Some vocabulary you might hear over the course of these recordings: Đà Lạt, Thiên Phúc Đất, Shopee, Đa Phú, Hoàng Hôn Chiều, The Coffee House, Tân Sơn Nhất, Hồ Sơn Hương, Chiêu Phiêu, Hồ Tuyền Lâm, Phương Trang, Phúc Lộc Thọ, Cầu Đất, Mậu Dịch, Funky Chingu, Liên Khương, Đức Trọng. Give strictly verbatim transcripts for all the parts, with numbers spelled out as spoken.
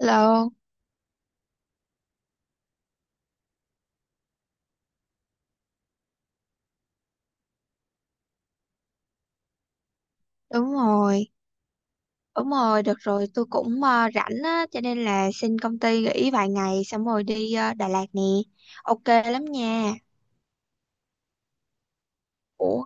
Lộn, đúng rồi, đúng rồi, được rồi, tôi cũng ờ, rảnh á, cho nên là xin công ty nghỉ vài ngày xong rồi đi ờ, Đà Lạt nè. Ok lắm nha. Ủa,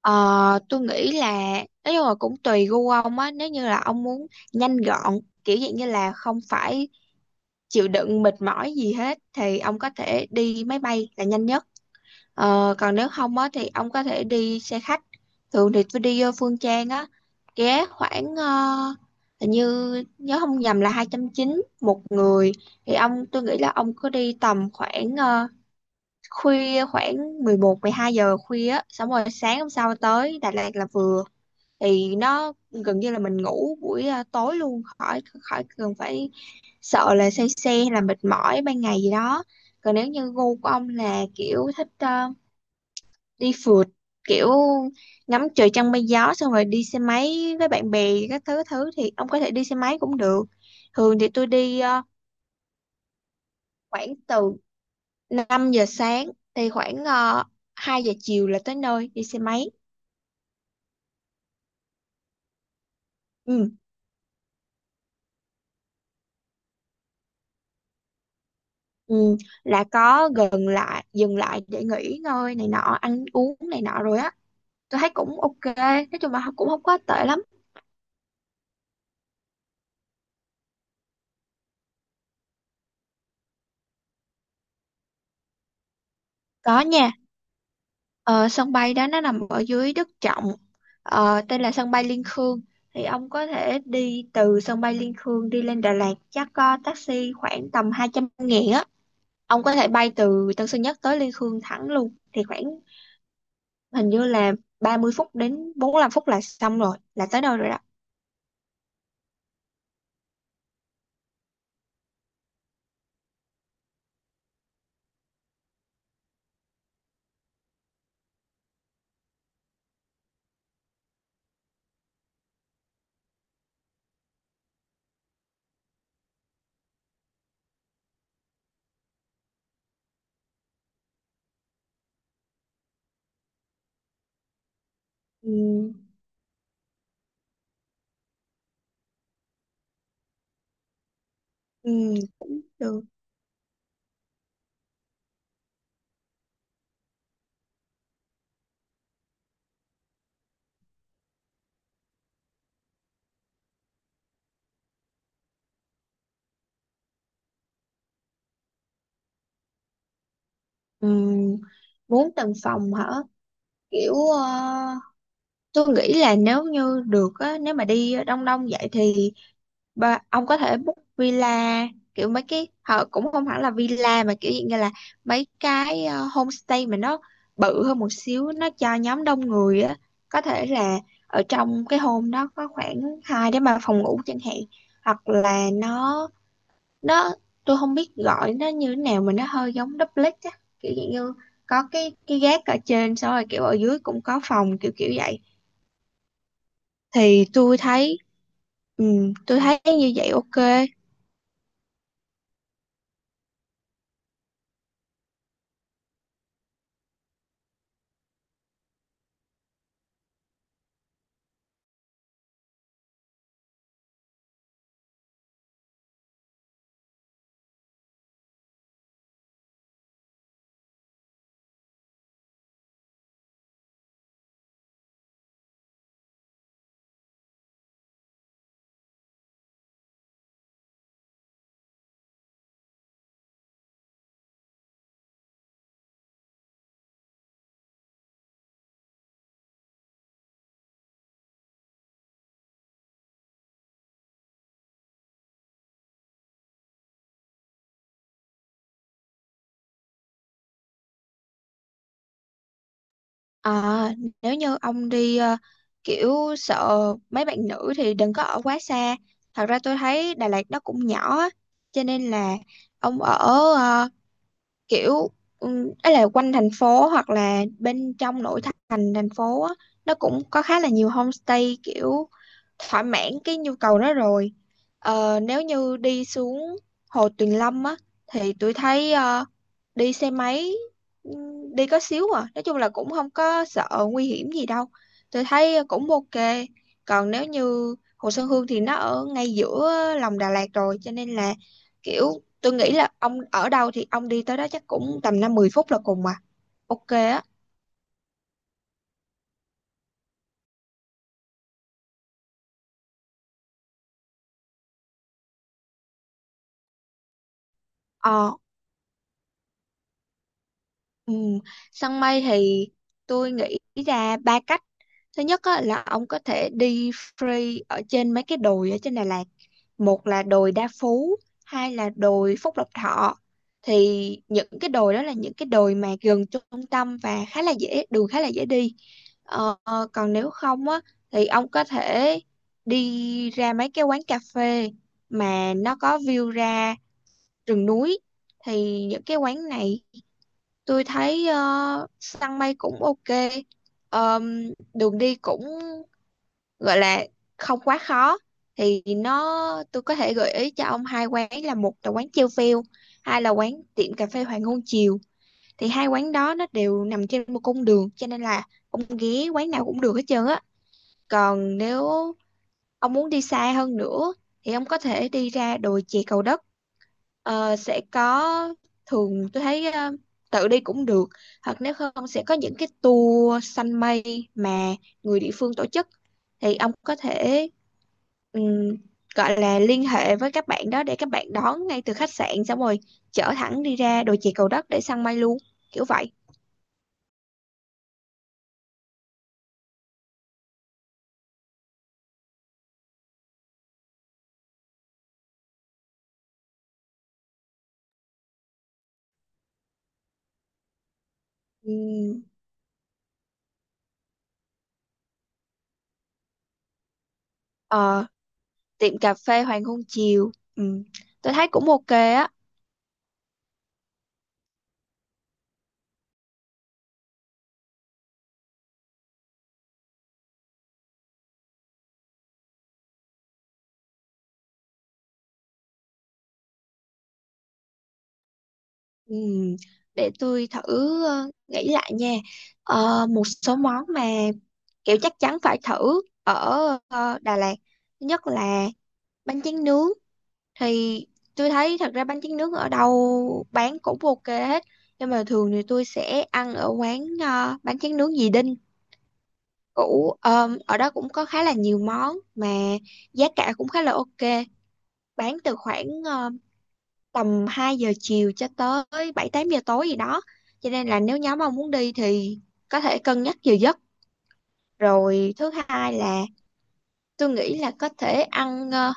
ờ, tôi nghĩ là, nói chung là cũng tùy gu ông á, nếu như là ông muốn nhanh gọn, kiểu dạng như là không phải chịu đựng mệt mỏi gì hết, thì ông có thể đi máy bay là nhanh nhất. Ờ, còn nếu không á thì ông có thể đi xe khách, thường thì tôi đi vô Phương Trang á, ghé khoảng ờ, hình như nhớ không nhầm là hai trăm chín một người. Thì ông, tôi nghĩ là ông cứ đi tầm khoảng ờ, khuya, khoảng mười một mười hai giờ khuya á, xong rồi sáng hôm sau tới Đà Lạt là vừa, thì nó gần như là mình ngủ buổi ờ, tối luôn, khỏi khỏi cần phải sợ là say xe hay là mệt mỏi ban ngày gì đó. Còn nếu như gu của ông là kiểu thích ờ, đi phượt, kiểu ngắm trời trăng mây gió xong rồi đi xe máy với bạn bè các thứ thứ thì ông có thể đi xe máy cũng được. Thường thì tôi đi ờ, khoảng từ năm giờ sáng thì khoảng uh, hai giờ chiều là tới nơi, đi xe máy. Ừ, ừ, là có gần lại dừng lại để nghỉ ngơi này nọ, ăn uống này nọ rồi á, tôi thấy cũng ok, nói chung là cũng không có tệ lắm. Có nha. Ờ, sân bay đó nó nằm ở dưới Đức Trọng, ờ, tên là sân bay Liên Khương. Thì ông có thể đi từ sân bay Liên Khương đi lên Đà Lạt, chắc có taxi khoảng tầm hai trăm nghìn á. Ông có thể bay từ Tân Sơn Nhất tới Liên Khương thẳng luôn thì khoảng, hình như là ba mươi phút đến bốn lăm phút là xong rồi, là tới đâu rồi đó. Ừm, ừm, cũng được. Ừm, bốn tầng phòng hả, kiểu ờ, tôi nghĩ là nếu như được á, nếu mà đi đông đông vậy thì, Ba, ông có thể book villa, kiểu mấy cái họ cũng không hẳn là villa mà kiểu dạng như là mấy cái ờ, homestay mà nó bự hơn một xíu, nó cho nhóm đông người á. Có thể là ở trong cái home đó có khoảng hai đến ba phòng ngủ chẳng hạn, hoặc là nó nó tôi không biết gọi nó như thế nào, mà nó hơi giống duplex á, kiểu dạng như có cái cái gác ở trên xong rồi kiểu ở dưới cũng có phòng, kiểu kiểu vậy. Thì tôi thấy, ừ, tôi thấy như vậy ok. À, nếu như ông đi ờ, kiểu sợ mấy bạn nữ thì đừng có ở quá xa. Thật ra tôi thấy Đà Lạt nó cũng nhỏ á, cho nên là ông ở ờ, kiểu um, ấy là quanh thành phố hoặc là bên trong nội thành thành phố á, nó cũng có khá là nhiều homestay kiểu thỏa mãn cái nhu cầu đó rồi. Ờ, nếu như đi xuống Hồ Tuyền Lâm á thì tôi thấy ờ, đi xe máy ừm, đi có xíu à, nói chung là cũng không có sợ nguy hiểm gì đâu, tôi thấy cũng ok. Còn nếu như Hồ Sơn Hương thì nó ở ngay giữa lòng Đà Lạt rồi, cho nên là kiểu tôi nghĩ là ông ở đâu thì ông đi tới đó chắc cũng tầm năm mười phút là cùng mà, ok á. Ờ, ừ, săn mây thì tôi nghĩ ra ba cách. Thứ nhất á, là ông có thể đi free ở trên mấy cái đồi ở trên Đà Lạt. Một là đồi Đa Phú, hai là đồi Phúc Lộc Thọ. Thì những cái đồi đó là những cái đồi mà gần trung tâm và khá là dễ, đường khá là dễ đi. Ờ, còn nếu không á, thì ông có thể đi ra mấy cái quán cà phê mà nó có view ra rừng núi. Thì những cái quán này tôi thấy ờ, săn mây cũng ok. Ờm, đường đi cũng gọi là không quá khó, thì nó tôi có thể gợi ý cho ông hai quán, là một là quán Chiêu Phiêu, hai là quán tiệm cà phê Hoàng Hôn Chiều. Thì hai quán đó nó đều nằm trên một cung đường, cho nên là ông ghé quán nào cũng được hết trơn á. Còn nếu ông muốn đi xa hơn nữa thì ông có thể đi ra đồi chè Cầu Đất. Ờ, sẽ có, thường tôi thấy ờ, tự đi cũng được, hoặc nếu không sẽ có những cái tour săn mây mà người địa phương tổ chức. Thì ông có thể ừm, gọi là liên hệ với các bạn đó để các bạn đón ngay từ khách sạn xong rồi chở thẳng đi ra đồi chè Cầu Đất để săn mây luôn, kiểu vậy. Ừm, ờ, tiệm cà phê Hoàng Hôn Chiều. Ừm, tôi thấy cũng ok á. Ừm, để tôi thử ờ, nghĩ lại nha. Ờ, một số món mà kiểu chắc chắn phải thử ở ờ, Đà Lạt, thứ nhất là bánh tráng nướng. Thì tôi thấy thật ra bánh tráng nướng ở đâu bán cũng ok hết, nhưng mà thường thì tôi sẽ ăn ở quán ờ, bánh tráng nướng dì Đinh cũ. Ờm, ở đó cũng có khá là nhiều món mà giá cả cũng khá là ok, bán từ khoảng ờ, tầm hai giờ chiều cho tới bảy tám giờ tối gì đó, cho nên là nếu nhóm ông muốn đi thì có thể cân nhắc giờ giấc. Rồi thứ hai là tôi nghĩ là có thể ăn ờ,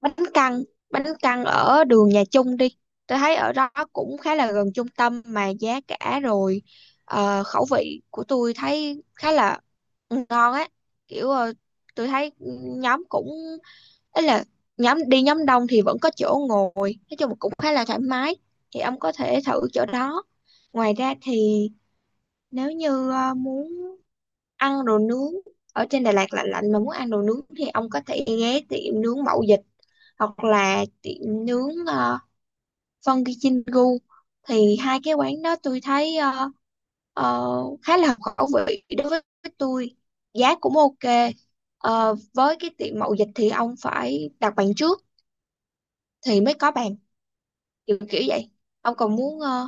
bánh căn, bánh căn ở đường nhà Chung đi. Tôi thấy ở đó cũng khá là gần trung tâm, mà giá cả rồi ờ, khẩu vị của tôi thấy khá là ngon á, kiểu ờ, tôi thấy nhóm cũng ấy là nhóm đi nhóm đông thì vẫn có chỗ ngồi, nói chung là cũng khá là thoải mái, thì ông có thể thử chỗ đó. Ngoài ra thì nếu như ờ, muốn ăn đồ nướng ở trên Đà Lạt lạnh lạnh mà muốn ăn đồ nướng, thì ông có thể ghé tiệm nướng Mậu Dịch, hoặc là tiệm nướng uh, Funky Chingu. Thì hai cái quán đó tôi thấy ờ, ờ, khá là hợp khẩu vị đối với tôi, giá cũng ok. Ờ, với cái tiệm Mậu Dịch thì ông phải đặt bàn trước thì mới có bàn, kiểu kiểu vậy. Ông còn muốn ờ,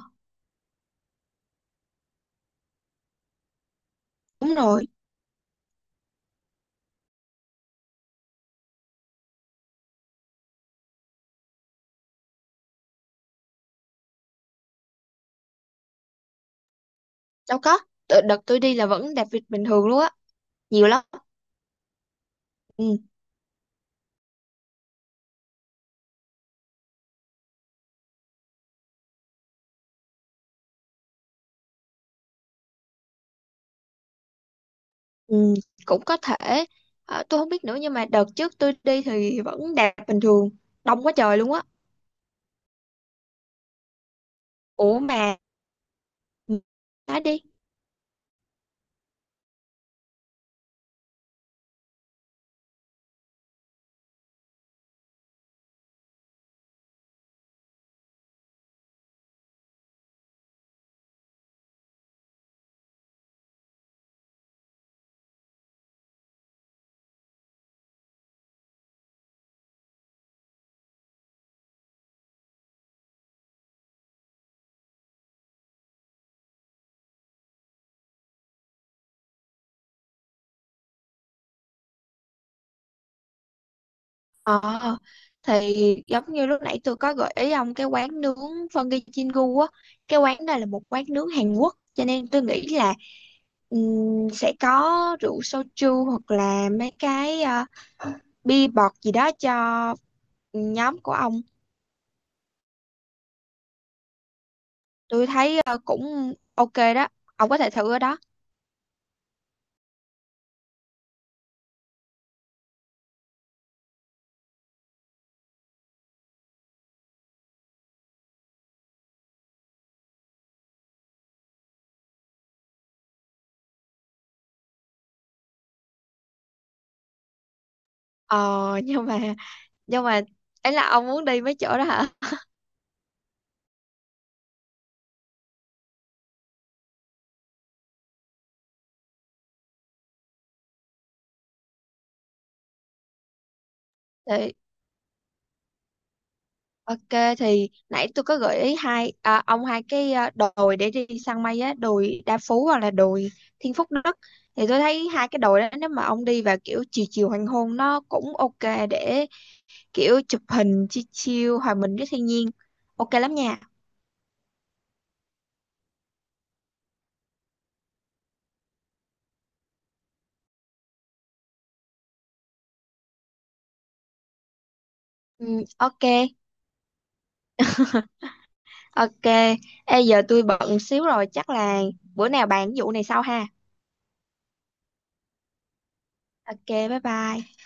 đúng rồi. Đâu có. Tự- đợt tôi đi là vẫn đặt vịt bình thường luôn á, nhiều lắm. Ừ. Ừ, cũng có thể. Ờ, tôi không biết nữa, nhưng mà đợt trước tôi đi thì vẫn đạt bình thường, đông quá trời luôn á. Ủa mà, nói đi. Ờ, thì giống như lúc nãy tôi có gợi ý ông cái quán nướng Funky Chingu á, cái quán này là một quán nướng Hàn Quốc cho nên tôi nghĩ là ừm, sẽ có rượu soju hoặc là mấy cái ờ, bia bọt gì đó cho nhóm của ông. Tôi thấy ờ, cũng ok đó, ông có thể thử ở đó. Ờ. nhưng mà nhưng mà ấy là ông muốn đi mấy chỗ đó hả? Thì ok, thì nãy tôi có gợi ý hai à, ông hai cái à, đồi để đi săn mây á, đồi Đa Phú hoặc là đồi Thiên Phúc Đất. Thì tôi thấy hai cái đồi đó, nếu mà ông đi vào kiểu chiều chiều hoàng hôn nó cũng ok, để kiểu chụp hình chill chill hòa mình với thiên nhiên, ok lắm nha. Ừ, ok. Ok. Ê, giờ tôi bận xíu rồi, chắc là bữa nào bàn cái vụ này sau ha. Ok, bye bye.